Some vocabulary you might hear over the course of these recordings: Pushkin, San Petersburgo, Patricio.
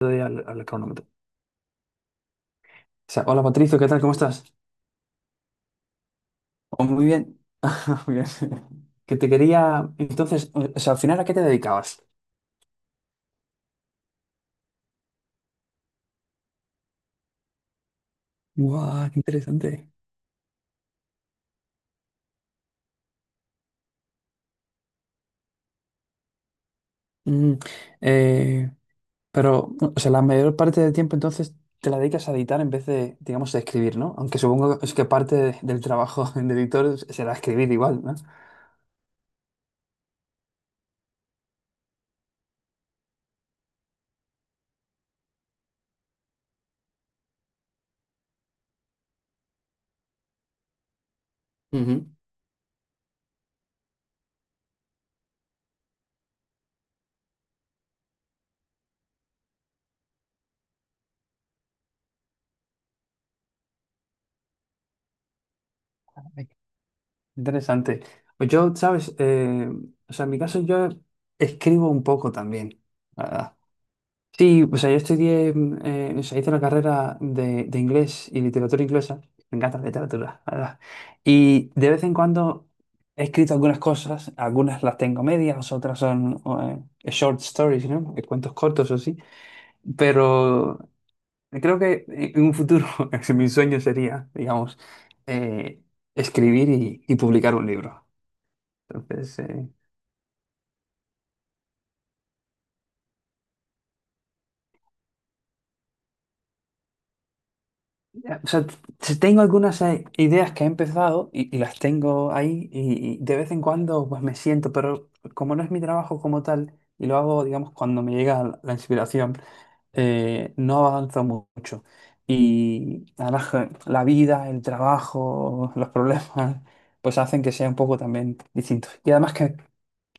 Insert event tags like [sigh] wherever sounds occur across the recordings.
Doy al, al cronómetro. O sea, hola Patricio, ¿qué tal? ¿Cómo estás? Oh, muy bien. [laughs] Muy bien. Que te quería. Entonces, o sea, al final, ¿a qué te dedicabas? Guau, qué interesante. Mm, eh, pero, o sea, la mayor parte del tiempo entonces te la dedicas a editar en vez de, digamos, de escribir, ¿no? Aunque supongo es que del trabajo [laughs] de editor será escribir igual, ¿no? Ujú. Ay, qué interesante. Pues yo, ¿sabes? O sea, en mi caso yo escribo un poco también. Sí, o sea, yo estudié, o sea, hice la carrera de inglés y literatura inglesa. Me encanta la literatura, la verdad. Y de vez en cuando he escrito algunas cosas, algunas las tengo medias, otras son short stories, ¿no? Cuentos cortos o sí. Pero creo que en un futuro, [laughs] mi sueño sería, digamos, eh, escribir y publicar un libro. Entonces, eh, O sea, t- tengo algunas ideas que he empezado y las tengo ahí y de vez en cuando pues me siento, pero como no es mi trabajo como tal y lo hago, digamos, cuando me llega la inspiración, no avanzo mucho. Y ahora la vida, el trabajo, los problemas, pues hacen que sea un poco también distinto. Y además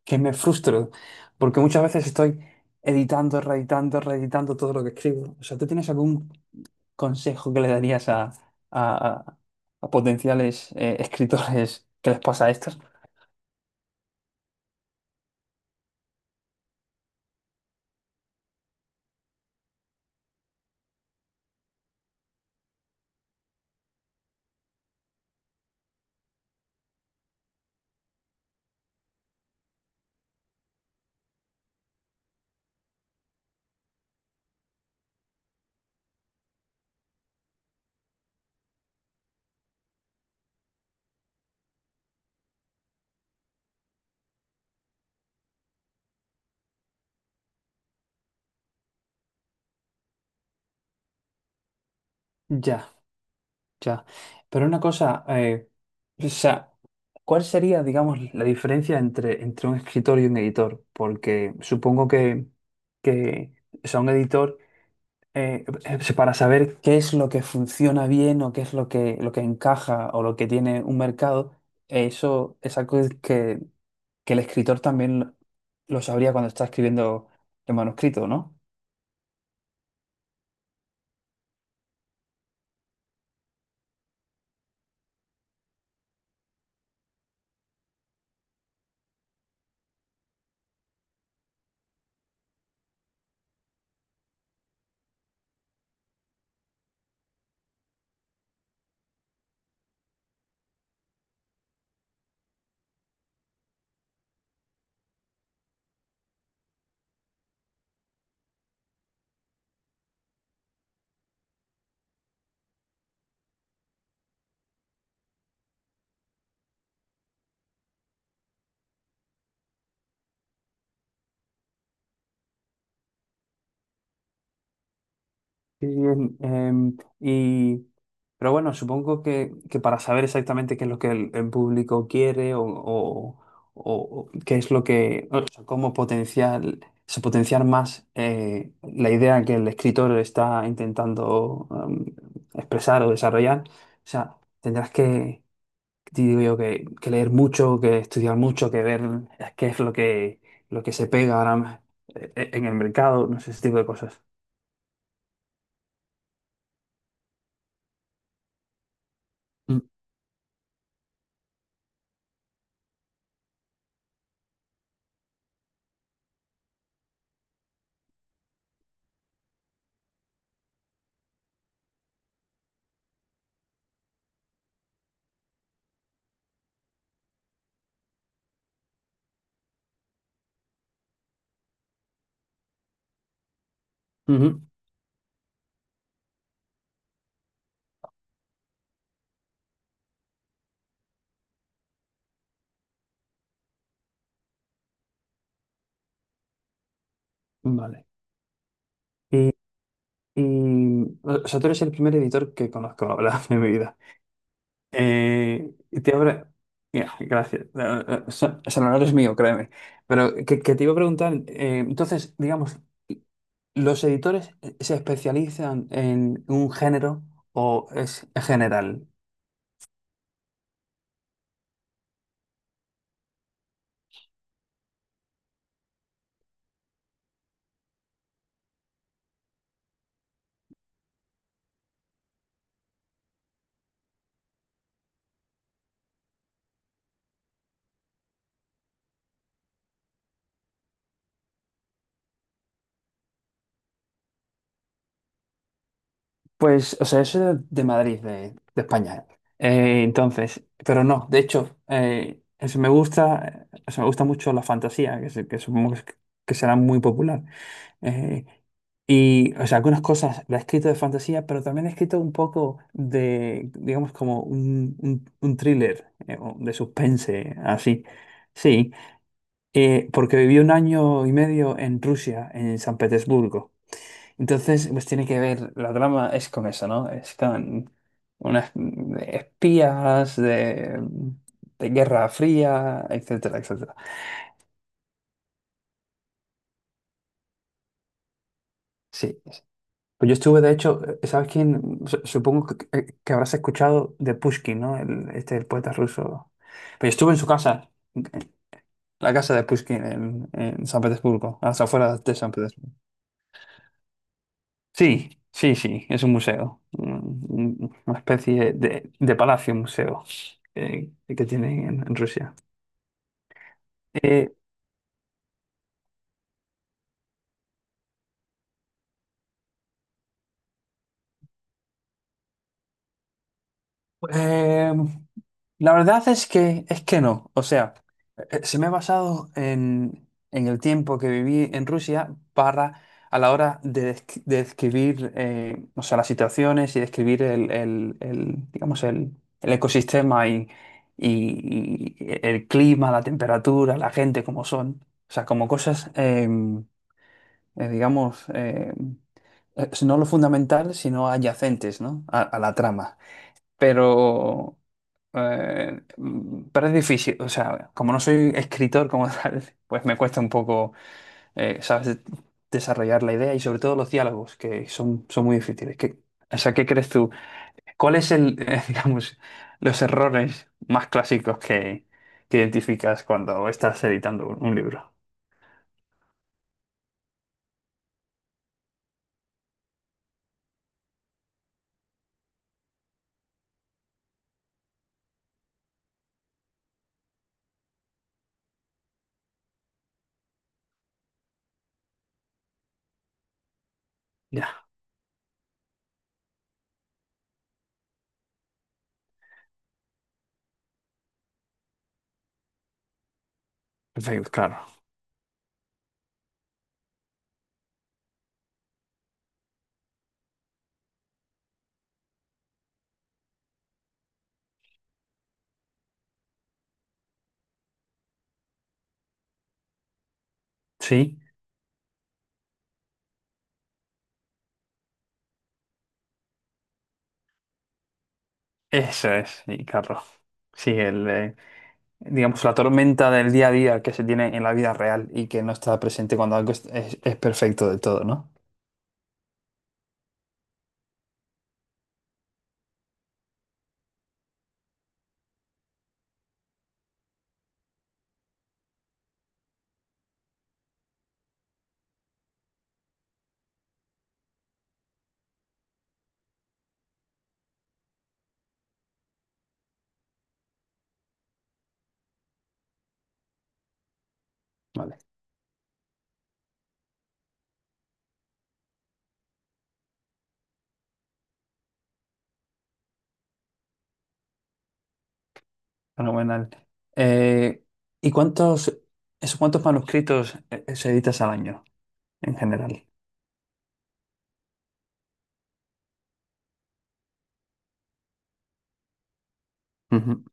que me frustro, porque muchas veces estoy editando, reeditando, reeditando todo lo que escribo. O sea, ¿tú tienes algún consejo que le darías a, a- a potenciales [laughs] escritores que les pasa a estos? Ya, ya. Pero una cosa, o sea, ¿cuál sería, digamos, la diferencia entre, entre un escritor y un editor? Porque supongo que o sea, un editor, es para saber qué es lo que funciona bien o qué es lo que encaja o lo que tiene un mercado, eso es algo que el escritor también lo sabría cuando está escribiendo el manuscrito, ¿no? Sí, y, pero bueno, supongo que para saber exactamente qué es lo que el público quiere o, o qué es lo que, o sea, cómo potenciar, se potenciar más la idea que el escritor está intentando expresar o desarrollar, o sea, tendrás que digo yo que leer mucho, que estudiar mucho, que ver qué es lo que se pega ahora en el mercado, no sé, ese tipo de cosas. Mm, ujú. Vale. Y, y, o sea, tú eres el primer editor que conozco, [laughs] la verdad, en mi vida. Y te habrá... Mira, gracias. O sea, no eres mío, créeme. Pero que te iba a preguntar, entonces, digamos, ¿los editores se especializan en un género o es general? Pues, o sea, yo soy de Madrid, de España. Entonces, pero no, de hecho, me gusta, o sea, me gusta mucho la fantasía, que, que supongo que será muy popular. Eh, y, o sea, algunas cosas la he escrito de fantasía, pero también he escrito un poco de, digamos, como un thriller, o de suspense, así. Sí, porque viví un año y medio en Rusia, en San Petersburgo. Entonces, pues tiene que ver, la trama es con eso, ¿no? Están unas espías de Guerra Fría, etcétera, etcétera. Sí, sí. Pues yo estuve, de hecho, ¿sabes quién? Supongo que, que habrás escuchado de Pushkin, ¿no? El, este, el poeta ruso. Pues yo estuve en su casa, en la casa de Pushkin en San Petersburgo, hasta afuera de San Petersburgo. Sí, sí, sí, es un museo, una especie de palacio museo que tienen en Rusia. Eh, eh, La verdad es que no. O sea, se me ha basado en el tiempo que viví en Rusia para, a la hora de, de describir, o sea, las situaciones y describir el, el, digamos, el ecosistema y, y el clima, la temperatura, la gente, como son. O sea, como cosas, digamos, no lo fundamental, sino adyacentes, ¿no? A la trama pero, pero es difícil, o sea, como no soy escritor como [laughs] tal, pues me cuesta un poco, ¿sabes? Desarrollar la idea y sobre todo los diálogos, que son, son muy difíciles. ¿Qué, o sea, ¿qué crees tú? ¿Cuál es el, [laughs] digamos, los errores más clásicos que identificas cuando estás editando un libro? Ya, perfecto, claro. Sí, eso es, y claro. Sí, el, digamos, la tormenta del día a día que se tiene en la vida real y que no está presente cuando algo es, es perfecto de todo, ¿no? Vale, fenomenal. Eh, ¿Y cuántos, esos cuántos manuscritos se editas al año en general? Ujú.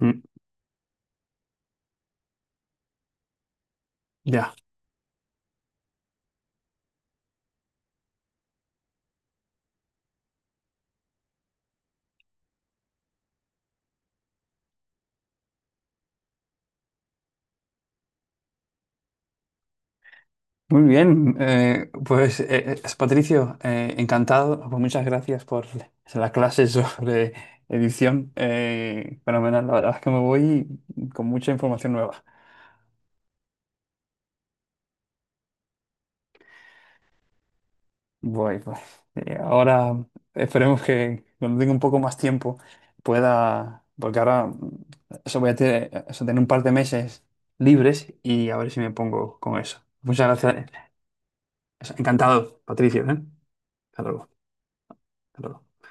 mm, Ya, muy bien. Patricio, encantado. Pues muchas gracias por la clase sobre edición. Fenomenal, la verdad es que me voy con mucha información nueva. Voy, pues. Ahora esperemos que cuando tenga un poco más tiempo pueda, porque ahora eso voy a tener, eso, tener un par de meses libres y a ver si me pongo con eso. Muchas gracias. Encantado, Patricio, ¿eh? Hasta luego. Hasta luego.